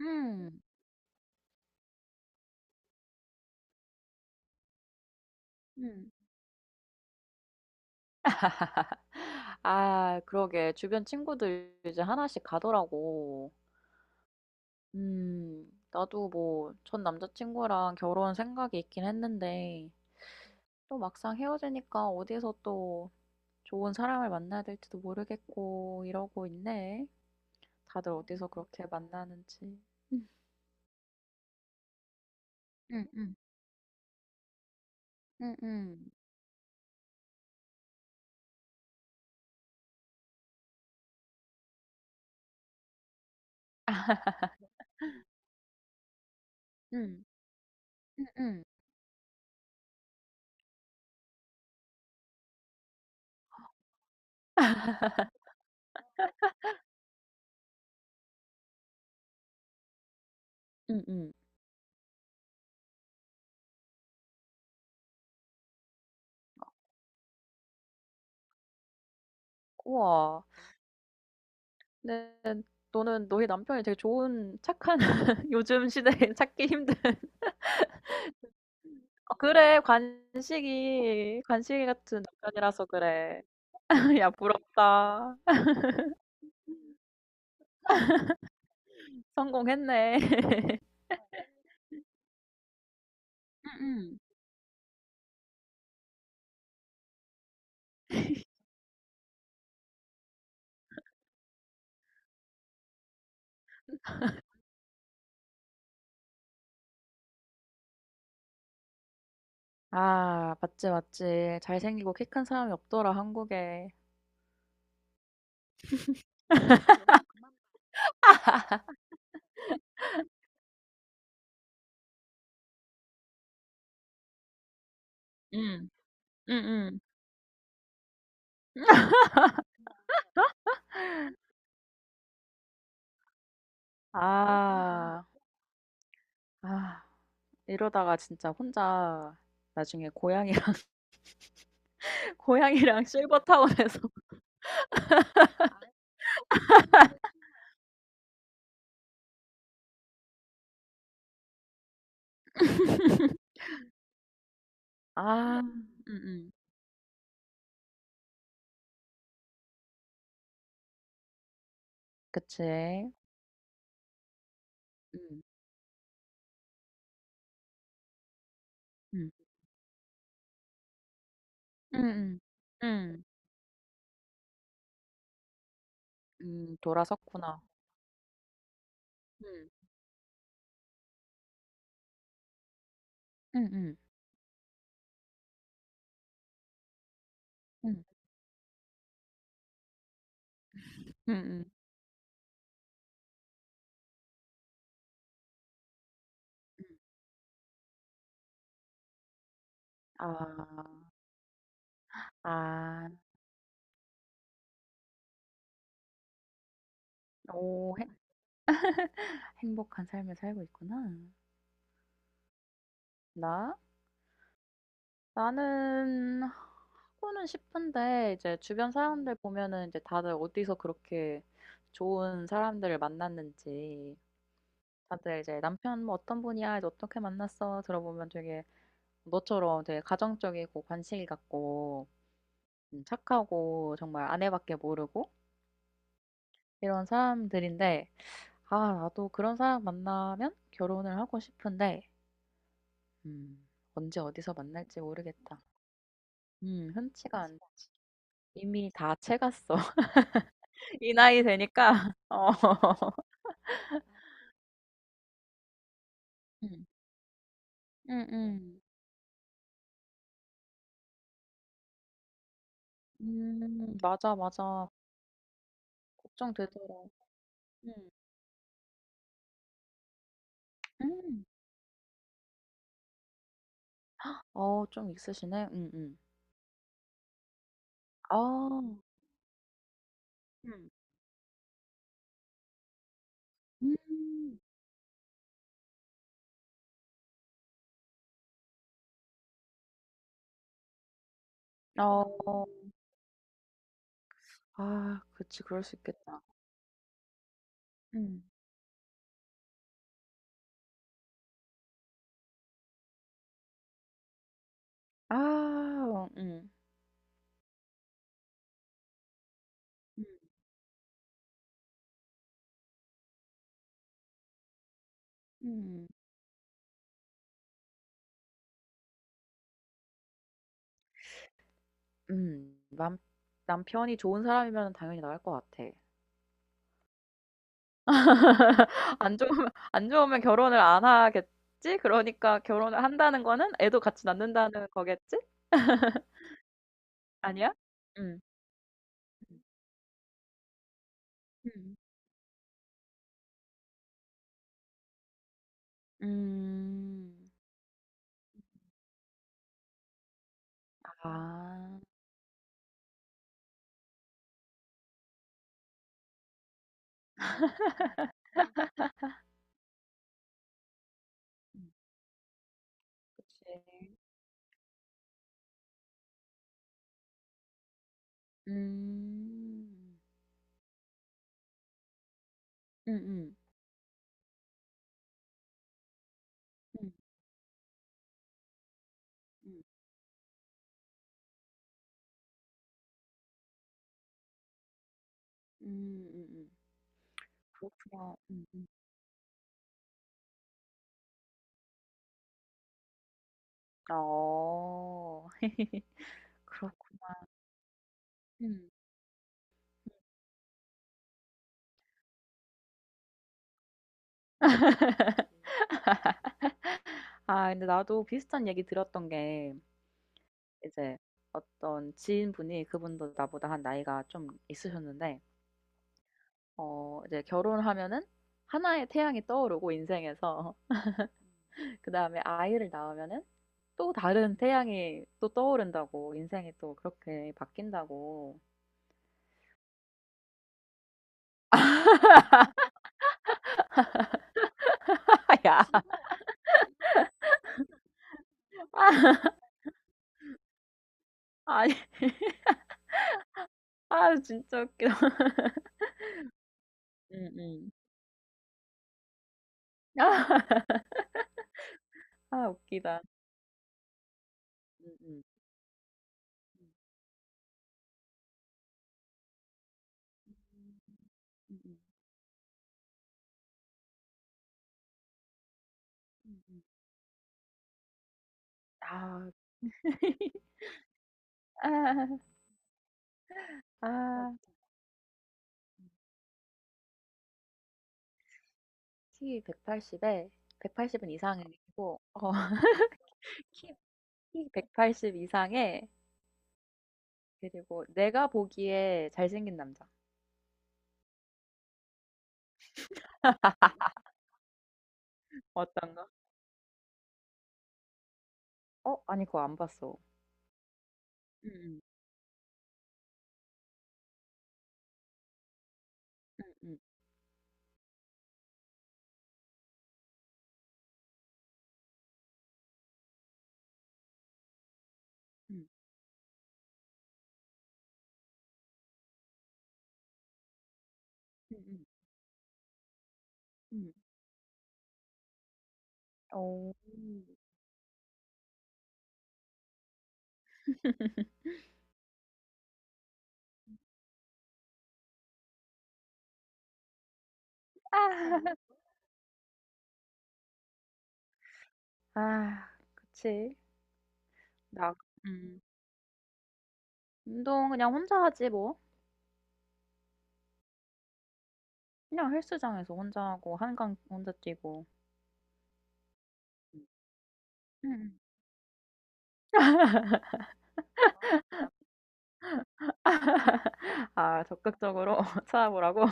음, 음. 아, 그러게. 주변 친구들 이제 하나씩 가더라고. 나도 뭐, 전 남자친구랑 결혼 생각이 있긴 했는데, 또 막상 헤어지니까 어디서 또 좋은 사람을 만나야 될지도 모르겠고, 이러고 있네. 다들 어디서 그렇게 만나는지. 음, 응, 응, 음, 음, 응, 응, 응. 음, 음. 우와. 근데 너는 너희 남편이 되게 좋은, 착한, 요즘 시대에 찾기 힘든. 어, 그래, 관식이, 관식이 같은 남편이라서 그래. 야, 부럽다. 성공했네. 응, 응. 아, 맞지, 맞지. 잘생기고 키 큰 사람이 없더라, 한국에. 응, 응, 응. 아, 아, 이러다가 진짜 혼자 나중에 고양이랑, 고양이랑 실버타운에서. 아, 응, 응. 그치. 음, 응, 응, 응. 돌아섰구나. 응 음, 음, 음, 음, 음. 아. 아. 오 행 행복한 삶을 살고 있구나. 나? 나는 하고는 싶은데 이제 주변 사람들 보면은 이제 다들 어디서 그렇게 좋은 사람들을 만났는지, 다들 이제 "남편 뭐 어떤 분이야. 이제 어떻게 만났어?" 들어보면 되게 너처럼 되게 가정적이고 관심이 갖고 착하고 정말 아내밖에 모르고 이런 사람들인데, 아 나도 그런 사람 만나면 결혼을 하고 싶은데. 음. 언제 어디서 만날지 모르겠다. 음. 흔치가 않지. 이미 다 채갔어. 이 나이 되니까. 어. 음. 음음. 음. 맞아, 맞아. 걱정되더라. 음. 음. 어, 좀 있으시네. 음음. 아. 음. 음. 어. 아, 그치. 그럴 수 있겠다. 음. 아 어 음. 음. 음. 남 남편이 좋은 사람이면 당연히 나갈 것 같아. 안 좋으면, 안 좋으면 결혼을 안 하겠지? 그러니까 결혼을 한다는 거는 애도 같이 낳는다는 거겠지? 아니야? 응. 음. 음. 아, 음. 그치. 음. 음. 음. 음. 음. 음. 음. 음. 그렇구나. 음. 음. 어, 그렇구나. 음. 아, 근데 나도 비슷한 얘기 들었던 게, 이제 어떤 지인분이 그분도 나보다 한 나이가 좀 있으셨는데, 어 이제 결혼하면은 하나의 태양이 떠오르고 인생에서 그다음에 아이를 낳으면은 또 다른 태양이 또 떠오른다고, 인생이 또 그렇게 바뀐다고. 야. 아니 아 진짜 웃기 음음. 아, 아 웃기다. 음음. 음. 음음. 음. 아. 아. 아. 키 180에, 180은 이상이고 어 키 키 180 이상에, 그리고 내가 보기에 잘생긴 남자. 어떤가? 어? 아니 그거 안 봤어. 음음. 음음. 음. 음 음. 오. 어. 아 아, 그치. 나. 음. 운동 그냥 혼자 하지 뭐. 그냥 헬스장에서 혼자 하고 한강 혼자 뛰고. 응 음음. 아 적극적으로 찾아보라고?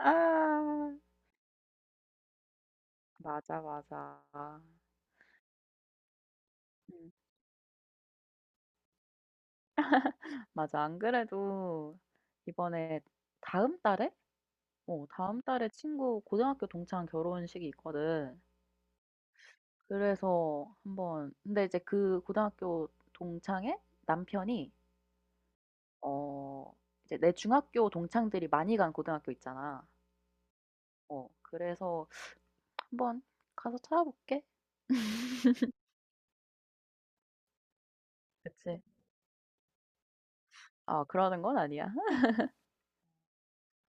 아, 맞아, 맞아. 음. 맞아. 안 그래도 이번에 다음 달에? 어 다음 달에 친구 고등학교 동창 결혼식이 있거든. 그래서 한번, 근데 이제 그 고등학교 동창의 남편이 어 이제 내 중학교 동창들이 많이 간 고등학교 있잖아. 어 그래서 "한번 가서 찾아볼게." 그치. 아 그러는 건 아니야.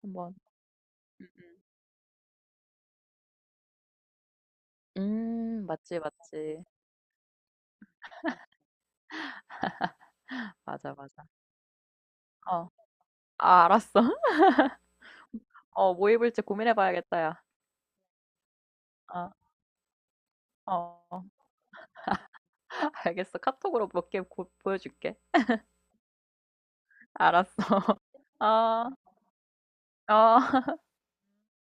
한번 음음. 음 맞지, 맞지. 맞아, 맞아. 어. 아 알았어. 어 뭐 입을지 고민해 봐야겠다 야. 어. 어. 알겠어. 카톡으로 몇 개 곧 보여줄게. 알았어. 어. 어.